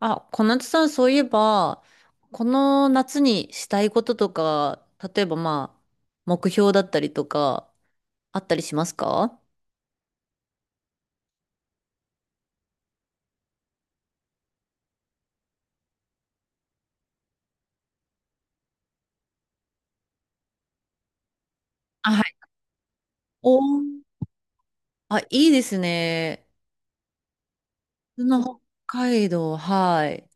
あ、小夏さん、そういえば、この夏にしたいこととか、例えばまあ、目標だったりとか、あったりしますか？あ、はい。おー。あ、いいですね。その北海道、はい。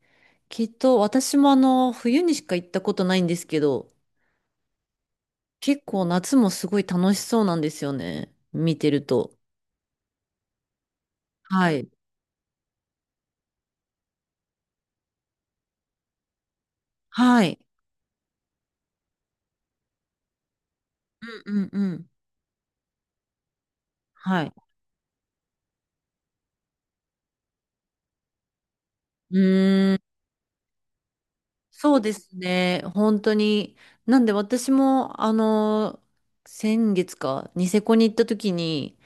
きっと、私も冬にしか行ったことないんですけど、結構夏もすごい楽しそうなんですよね。見てると。はい。はい。うんうんうん。はい。うそうですね。本当に。なんで私も、先月か、ニセコに行った時に、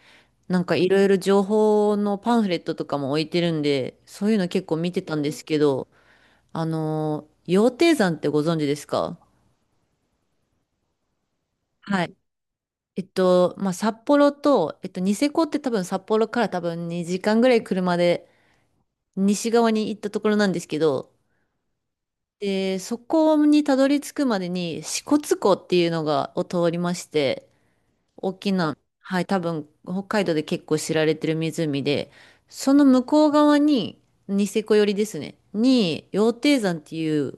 なんかいろいろ情報のパンフレットとかも置いてるんで、そういうの結構見てたんですけど、羊蹄山ってご存知ですか？はい。まあ、札幌と、ニセコって多分札幌から多分2時間ぐらい車で西側に行ったところなんですけど、で、そこにたどり着くまでに支笏湖っていうのが、を通りまして、大きな、はい、多分北海道で結構知られてる湖で、その向こう側に、ニセコ寄りですね、に、羊蹄山っていう、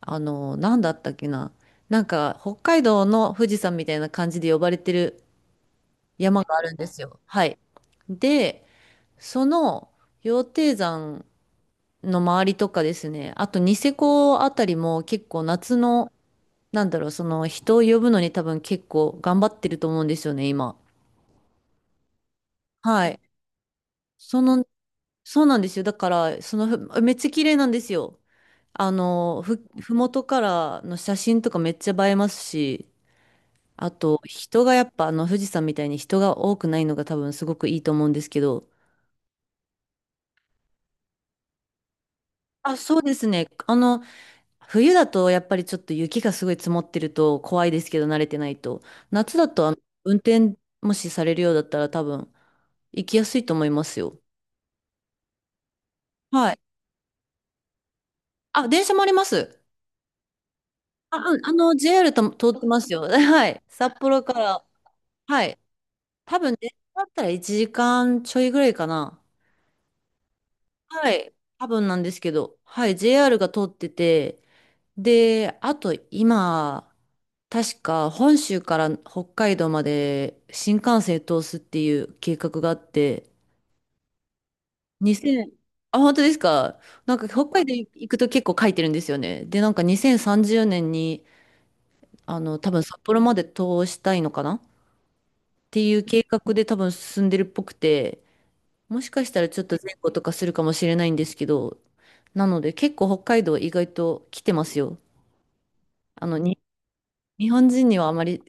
なんだったっけな、なんか北海道の富士山みたいな感じで呼ばれてる山があるんですよ。はい。で、その羊蹄山の周りとかですね、あとニセコあたりも結構夏の、なんだろう、その人を呼ぶのに多分結構頑張ってると思うんですよね、今。はい。その、そうなんですよ。だから、そのふ、めっちゃ綺麗なんですよ。ふもとからの写真とかめっちゃ映えますし、あと、人がやっぱ、富士山みたいに人が多くないのが多分すごくいいと思うんですけど、あ、そうですね。冬だとやっぱりちょっと雪がすごい積もってると怖いですけど、慣れてないと。夏だと、運転もしされるようだったら多分、行きやすいと思いますよ。はい。あ、電車もあります。あ、うん。JR と通ってますよ。はい。札幌から。はい。多分ね、電車だったら1時間ちょいぐらいかな。はい。多分なんですけど。はい。JR が通ってて。で、あと今、確か本州から北海道まで新幹線通すっていう計画があって、2 0。あ、本当ですか？なんか北海道行くと結構書いてるんですよね。で、なんか2030年に、多分札幌まで通したいのかな、っていう計画で多分進んでるっぽくて、もしかしたらちょっと前後とかするかもしれないんですけど、なので結構北海道意外と来てますよ。あの、に、日本人にはあまり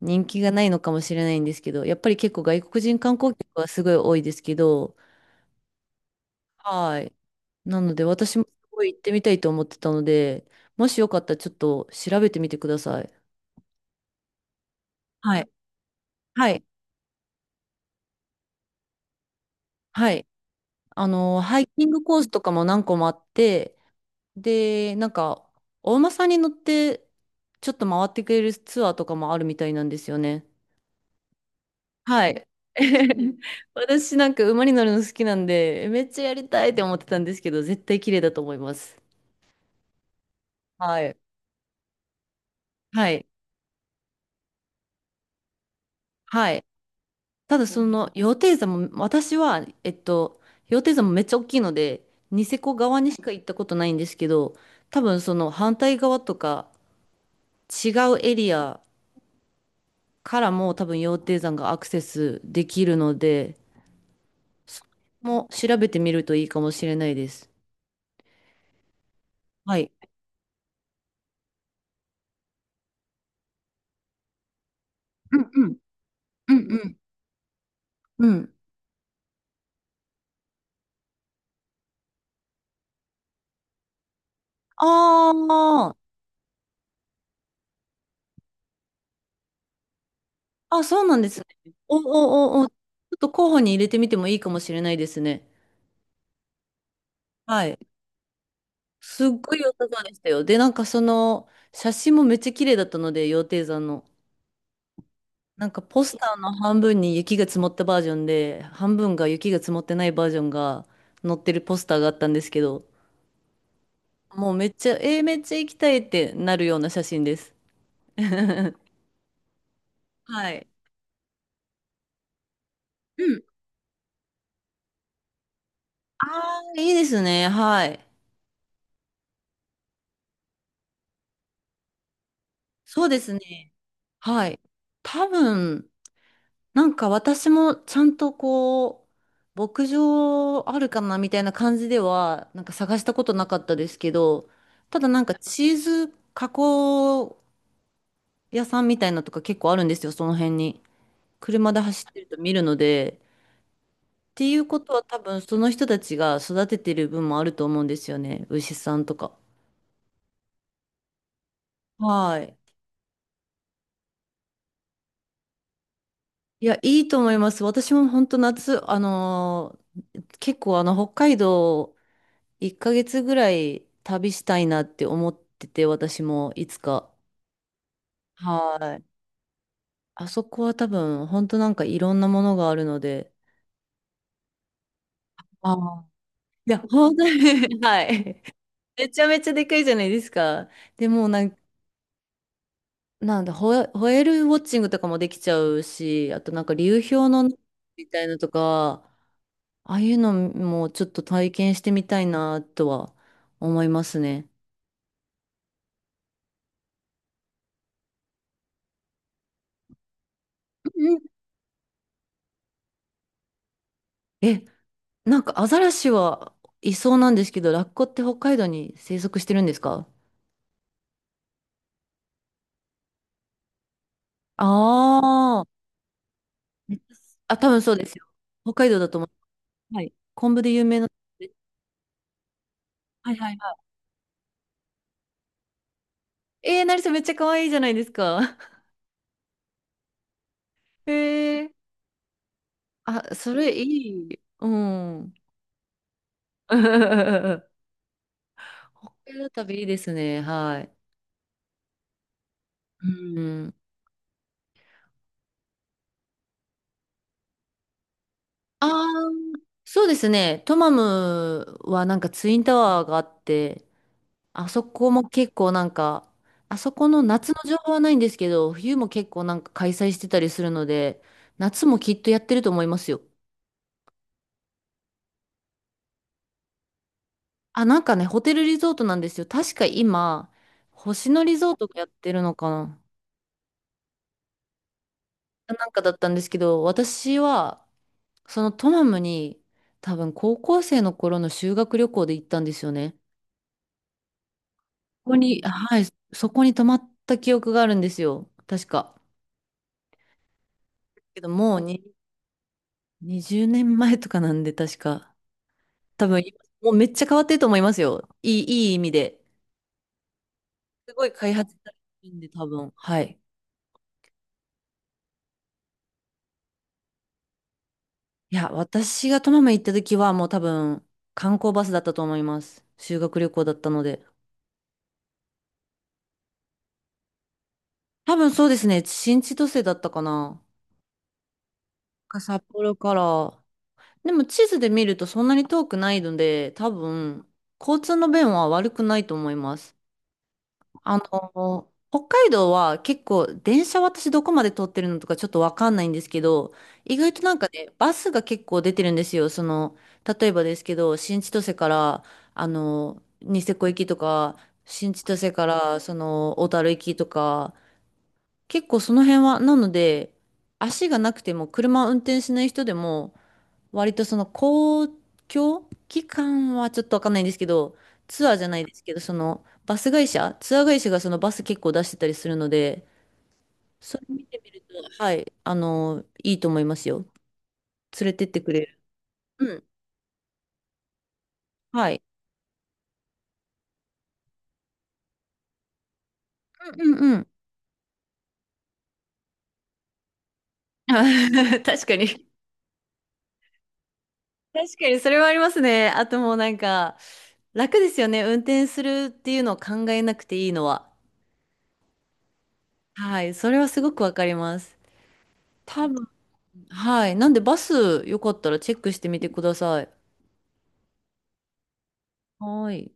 人気がないのかもしれないんですけど、やっぱり結構外国人観光客はすごい多いですけど、はい。なので私もすごい行ってみたいと思ってたので、もしよかったらちょっと調べてみてください。はい。はい。はい。ハイキングコースとかも何個もあって、で、なんか、お馬さんに乗って、ちょっと回ってくれるツアーとかもあるみたいなんですよね。はい。私なんか馬に乗るの好きなんで、めっちゃやりたいって思ってたんですけど、絶対綺麗だと思います。はい。はい。はい。ただその、羊蹄山も、私は、羊蹄山もめっちゃ大きいので、ニセコ側にしか行ったことないんですけど、多分その反対側とか違うエリアからも多分羊蹄山がアクセスできるので、も調べてみるといいかもしれないです。はい。うんうん。うんうん。うん。ああ、あ、そうなんですね。お、お、お、お、ちょっと候補に入れてみてもいいかもしれないですね。はい。すっごい良さそうでしたよ。で、なんか、写真もめっちゃ綺麗だったので、羊蹄山の。なんかポスターの半分に雪が積もったバージョンで、半分が雪が積もってないバージョンが載ってるポスターがあったんですけど、もうめっちゃ、めっちゃ行きたいってなるような写真です。はい。うん。ああ、いいですね。はい。そうですね。はい。多分、なんか私もちゃんとこう、牧場あるかなみたいな感じでは、なんか探したことなかったですけど、ただなんかチーズ加工屋さんみたいなとか結構あるんですよ、その辺に。車で走ってると見るので。っていうことは多分その人たちが育ててる分もあると思うんですよね、牛さんとか。はい。いや、いいと思います。私も本当夏、結構北海道1ヶ月ぐらい旅したいなって思ってて、私もいつか。はい。あそこは多分、本当なんかいろんなものがあるので。ああ。いや、本当に はい。めちゃめちゃでかいじゃないですか。でもうなんだ、ホエールウォッチングとかもできちゃうし、あとなんか流氷のね、みたいなとか、ああいうのもちょっと体験してみたいなとは思いますね。うん。え、なんかアザラシはいそうなんですけど、ラッコって北海道に生息してるんですか？ああー。あ、多分そうですよ。北海道だと思う。はい。昆布で有名な。はいはいはい。えー、成瀬めっちゃ可愛いじゃないですか。えー、あ、それいい。うん。北海道旅いいですね。はい。うん。ああ、そうですね。トマムはなんかツインタワーがあって、あそこも結構なんか、あそこの夏の情報はないんですけど、冬も結構なんか開催してたりするので、夏もきっとやってると思いますよ。あ、なんかね、ホテルリゾートなんですよ。確か今、星野リゾートがやってるのかな。なんかだったんですけど、私は、そのトマムに多分高校生の頃の修学旅行で行ったんですよね。ここに、はい、そこに泊まった記憶があるんですよ。確か。けどもうに20年前とかなんで、確か。多分、もうめっちゃ変わってると思いますよ。いい意味で。すごい開発されてるんで、多分。はい。いや、私がトマム行った時はもう多分、観光バスだったと思います。修学旅行だったので。多分そうですね。新千歳だったかな。か札幌から。でも地図で見るとそんなに遠くないので、多分、交通の便は悪くないと思います。北海道は結構電車私どこまで通ってるのとかちょっとわかんないんですけど、意外となんかね、バスが結構出てるんですよ。その、例えばですけど、新千歳から、ニセコ行きとか、新千歳から、小樽行きとか、結構その辺は、なので、足がなくても車を運転しない人でも、割とその公共機関はちょっとわかんないんですけど、ツアーじゃないですけど、そのバス会社、ツアー会社がそのバス結構出してたりするので、それ見てみると、はい、いいと思いますよ。連れてってくれる。うん。はい。うんうんうん。確かに。確かに、それはありますね。あともうなんか、楽ですよね。運転するっていうのを考えなくていいのは。はい。それはすごくわかります。多分、はい。なんでバスよかったらチェックしてみてください。はい。